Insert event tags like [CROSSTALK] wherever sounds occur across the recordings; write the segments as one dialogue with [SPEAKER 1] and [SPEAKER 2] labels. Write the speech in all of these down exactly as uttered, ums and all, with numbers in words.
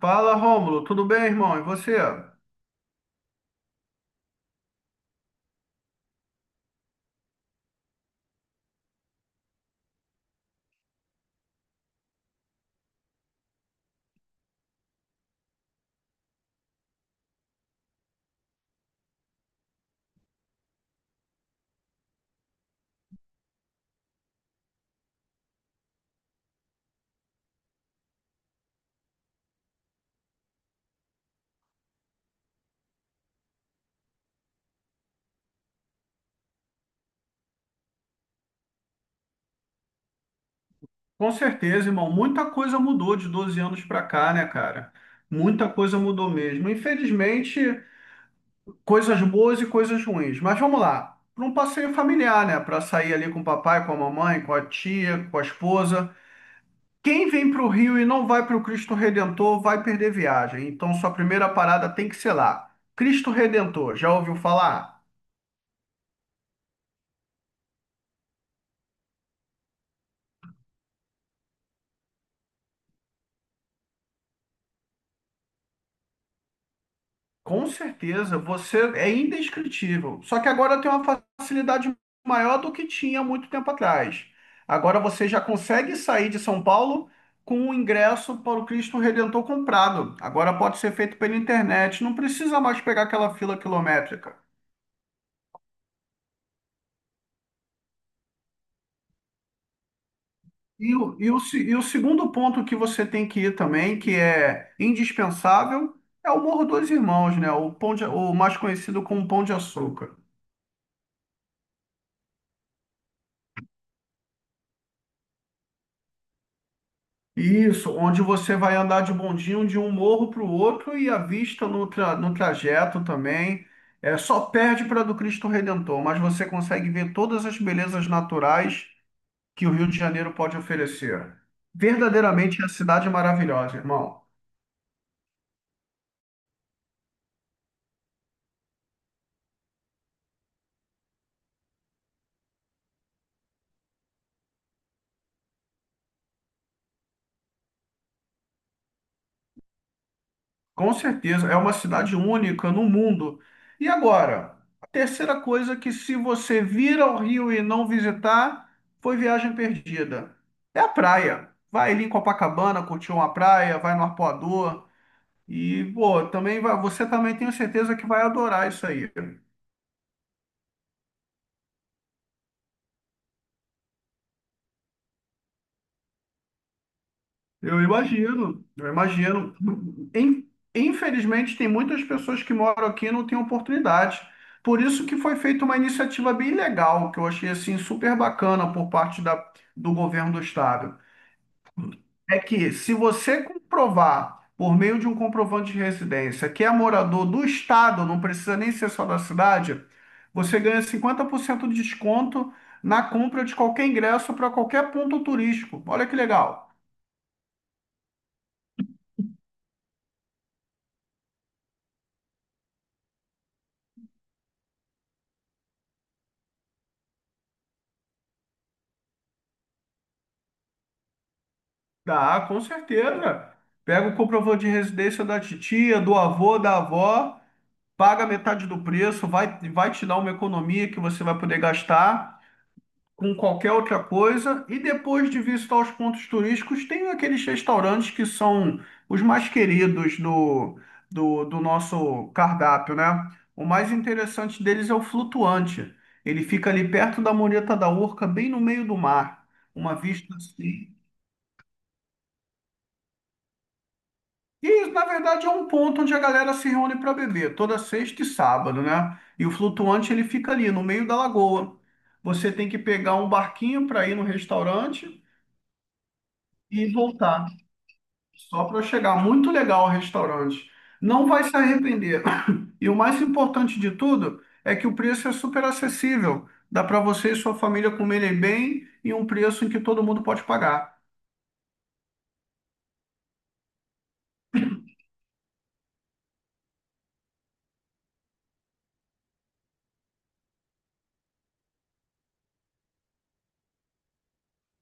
[SPEAKER 1] Fala, Rômulo, tudo bem, irmão? E você? Com certeza, irmão, muita coisa mudou de doze anos pra cá, né, cara? Muita coisa mudou mesmo. Infelizmente, coisas boas e coisas ruins. Mas vamos lá, para um passeio familiar, né? Para sair ali com o papai, com a mamãe, com a tia, com a esposa. Quem vem para o Rio e não vai para o Cristo Redentor vai perder viagem. Então, sua primeira parada tem que ser lá. Cristo Redentor, já ouviu falar? Com certeza, você é indescritível. Só que agora tem uma facilidade maior do que tinha muito tempo atrás. Agora você já consegue sair de São Paulo com o ingresso para o Cristo Redentor comprado. Agora pode ser feito pela internet, não precisa mais pegar aquela fila quilométrica. E o, e o, se- e o segundo ponto que você tem que ir também, que é indispensável, é o Morro dos Irmãos, né? O pão de- o mais conhecido como Pão de Açúcar. Isso, onde você vai andar de bondinho de um morro para o outro e a vista no, tra- no trajeto também. É, só perde para a do Cristo Redentor, mas você consegue ver todas as belezas naturais que o Rio de Janeiro pode oferecer. Verdadeiramente é a cidade maravilhosa, irmão. Com certeza, é uma cidade única no mundo. E agora, a terceira coisa que se você vir ao Rio e não visitar, foi viagem perdida. É a praia. Vai ali em Copacabana, curtir uma praia, vai no Arpoador e, pô, também vai, você também tenho certeza que vai adorar isso aí. Eu imagino, eu imagino. In- Infelizmente, tem muitas pessoas que moram aqui e não têm oportunidade. Por isso que foi feita uma iniciativa bem legal, que eu achei assim super bacana por parte da, do governo do estado. É que se você comprovar, por meio de um comprovante de residência, que é morador do estado, não precisa nem ser só da cidade, você ganha cinquenta por cento de desconto na compra de qualquer ingresso para qualquer ponto turístico. Olha que legal. Dá, com certeza. Pega o comprovante de residência da titia, do avô, da avó, paga metade do preço, vai, vai te dar uma economia que você vai poder gastar com qualquer outra coisa. E depois de visitar os pontos turísticos, tem aqueles restaurantes que são os mais queridos do, do, do nosso cardápio, né? O mais interessante deles é o Flutuante. Ele fica ali perto da Mureta da Urca, bem no meio do mar. Uma vista assim. E isso, na verdade, é um ponto onde a galera se reúne para beber, toda sexta e sábado, né? E o flutuante ele fica ali no meio da lagoa. Você tem que pegar um barquinho para ir no restaurante e voltar, só para chegar. Muito legal o restaurante. Não vai se arrepender. [LAUGHS] [CLEARS THROAT] E o mais importante de tudo é que o preço é super acessível. Dá para você e sua família comerem bem e um preço em que todo mundo pode pagar.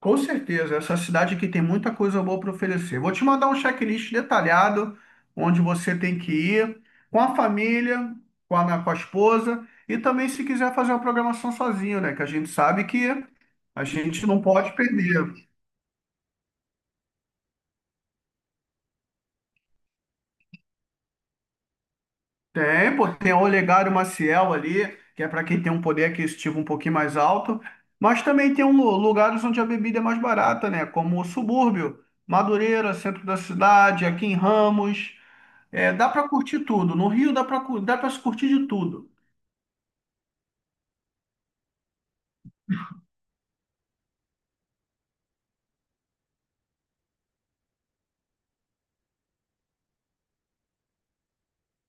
[SPEAKER 1] Com certeza, essa cidade aqui tem muita coisa boa para oferecer. Vou te mandar um checklist detalhado, onde você tem que ir, com a família, com a minha, com a esposa, e também se quiser fazer uma programação sozinho, né? Que a gente sabe que a gente não pode perder. Tem, pô, tem o Olegário Maciel ali, que é para quem tem um poder aquisitivo um pouquinho mais alto, mas também tem um, lu- lugares onde a bebida é mais barata, né? Como o subúrbio, Madureira, centro da cidade, aqui em Ramos. É, dá para curtir tudo. No Rio dá para dá para se curtir de tudo.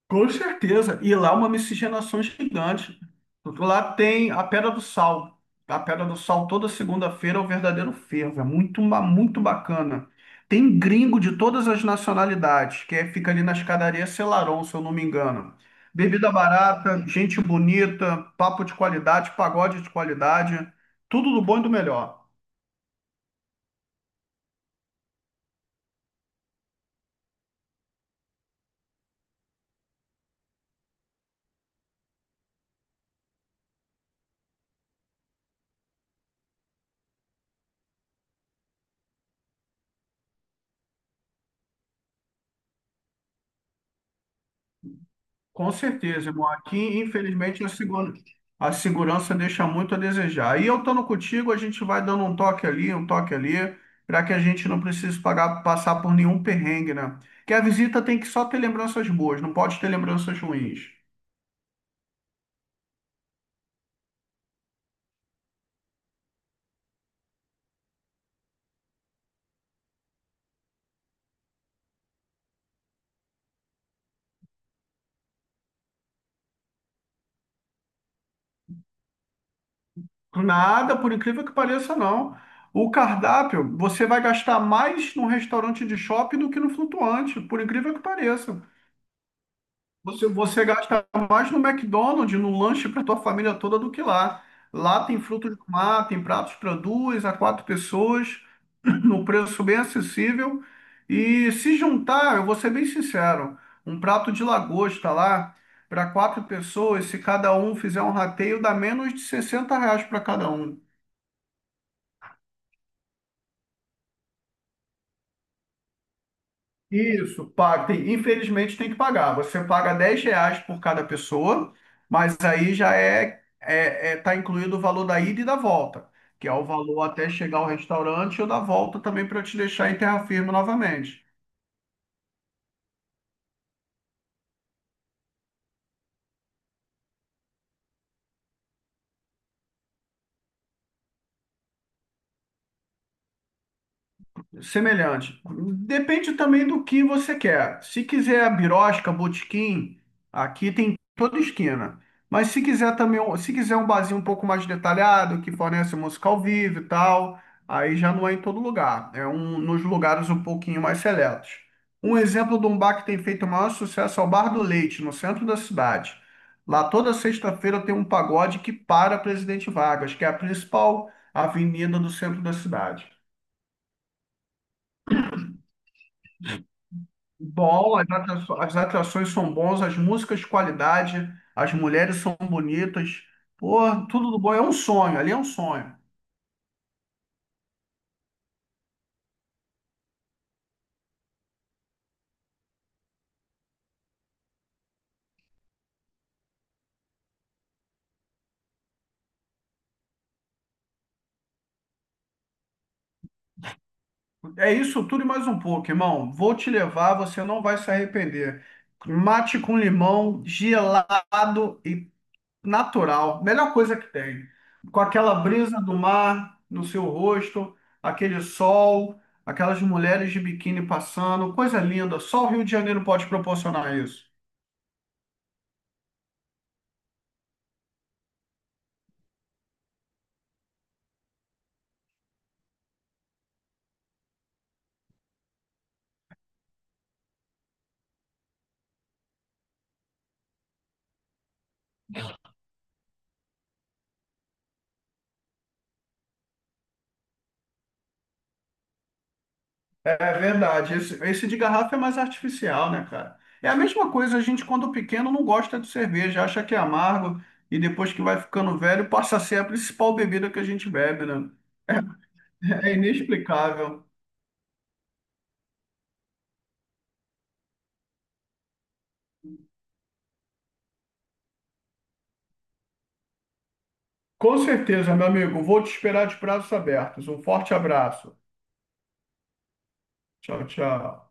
[SPEAKER 1] Com certeza. E lá é uma miscigenação gigante. Lá tem a Pedra do Sal. A Pedra do Sal toda segunda-feira é o verdadeiro fervo. É muito, ba- muito bacana. Tem gringo de todas as nacionalidades, que é- fica ali na escadaria Selarón, se eu não me engano. Bebida barata, gente bonita, papo de qualidade, pagode de qualidade, tudo do bom e do melhor. Com certeza, irmão. Aqui, infelizmente, a segura- a segurança deixa muito a desejar. E eu estando contigo, a gente vai dando um toque ali, um toque ali, para que a gente não precise pagar- passar por nenhum perrengue, né? Que a visita tem que só ter lembranças boas, não pode ter lembranças ruins. Nada, por incrível que pareça, não. O cardápio, você vai gastar mais num restaurante de shopping do que no flutuante, por incrível que pareça. Você, você gasta mais no McDonald's, no lanche para tua família toda do que lá. Lá tem frutos do mar, tem pratos para duas a quatro pessoas, [CLEARS THROAT] no preço bem acessível. E se juntar, eu vou ser bem sincero, um prato de lagosta lá para quatro pessoas, se cada um fizer um rateio, dá menos de sessenta reais para cada um. Isso, paga. Tem- infelizmente tem que pagar. Você paga dez reais por cada pessoa, mas aí já é, é, é- tá incluído o valor da ida e da volta, que é o valor até chegar ao restaurante ou da volta também para te deixar em terra firme novamente. Semelhante. Depende também do que você quer. Se quiser a birosca, botequim, aqui tem em toda esquina. Mas se quiser também, um- se quiser um barzinho um pouco mais detalhado, que fornece música ao vivo e tal, aí já não é em todo lugar. É um, nos lugares um pouquinho mais seletos. Um exemplo de um bar que tem feito o maior sucesso é o Bar do Leite, no centro da cidade. Lá toda sexta-feira tem um pagode que para Presidente Vargas, que é a principal avenida do centro da cidade. Bom, as atraço- as atrações são bons, as músicas de qualidade, as mulheres são bonitas. Pô, tudo do bom. É um sonho, ali é um sonho. É isso tudo e mais um pouco, irmão. Vou te levar, você não vai se arrepender. Mate com limão, gelado e natural. Melhor coisa que tem. Com aquela brisa do mar no seu rosto, aquele sol, aquelas mulheres de biquíni passando. Coisa linda. Só o Rio de Janeiro pode proporcionar isso. É verdade. Esse, esse de garrafa é mais artificial, né, cara? É a mesma coisa, a gente, quando pequeno, não gosta de cerveja, acha que é amargo e depois que vai ficando velho, passa a ser a principal bebida que a gente bebe, né? [LAUGHS] É inexplicável. Com certeza, meu amigo. Vou te esperar de braços abertos. Um forte abraço. Tchau, tchau.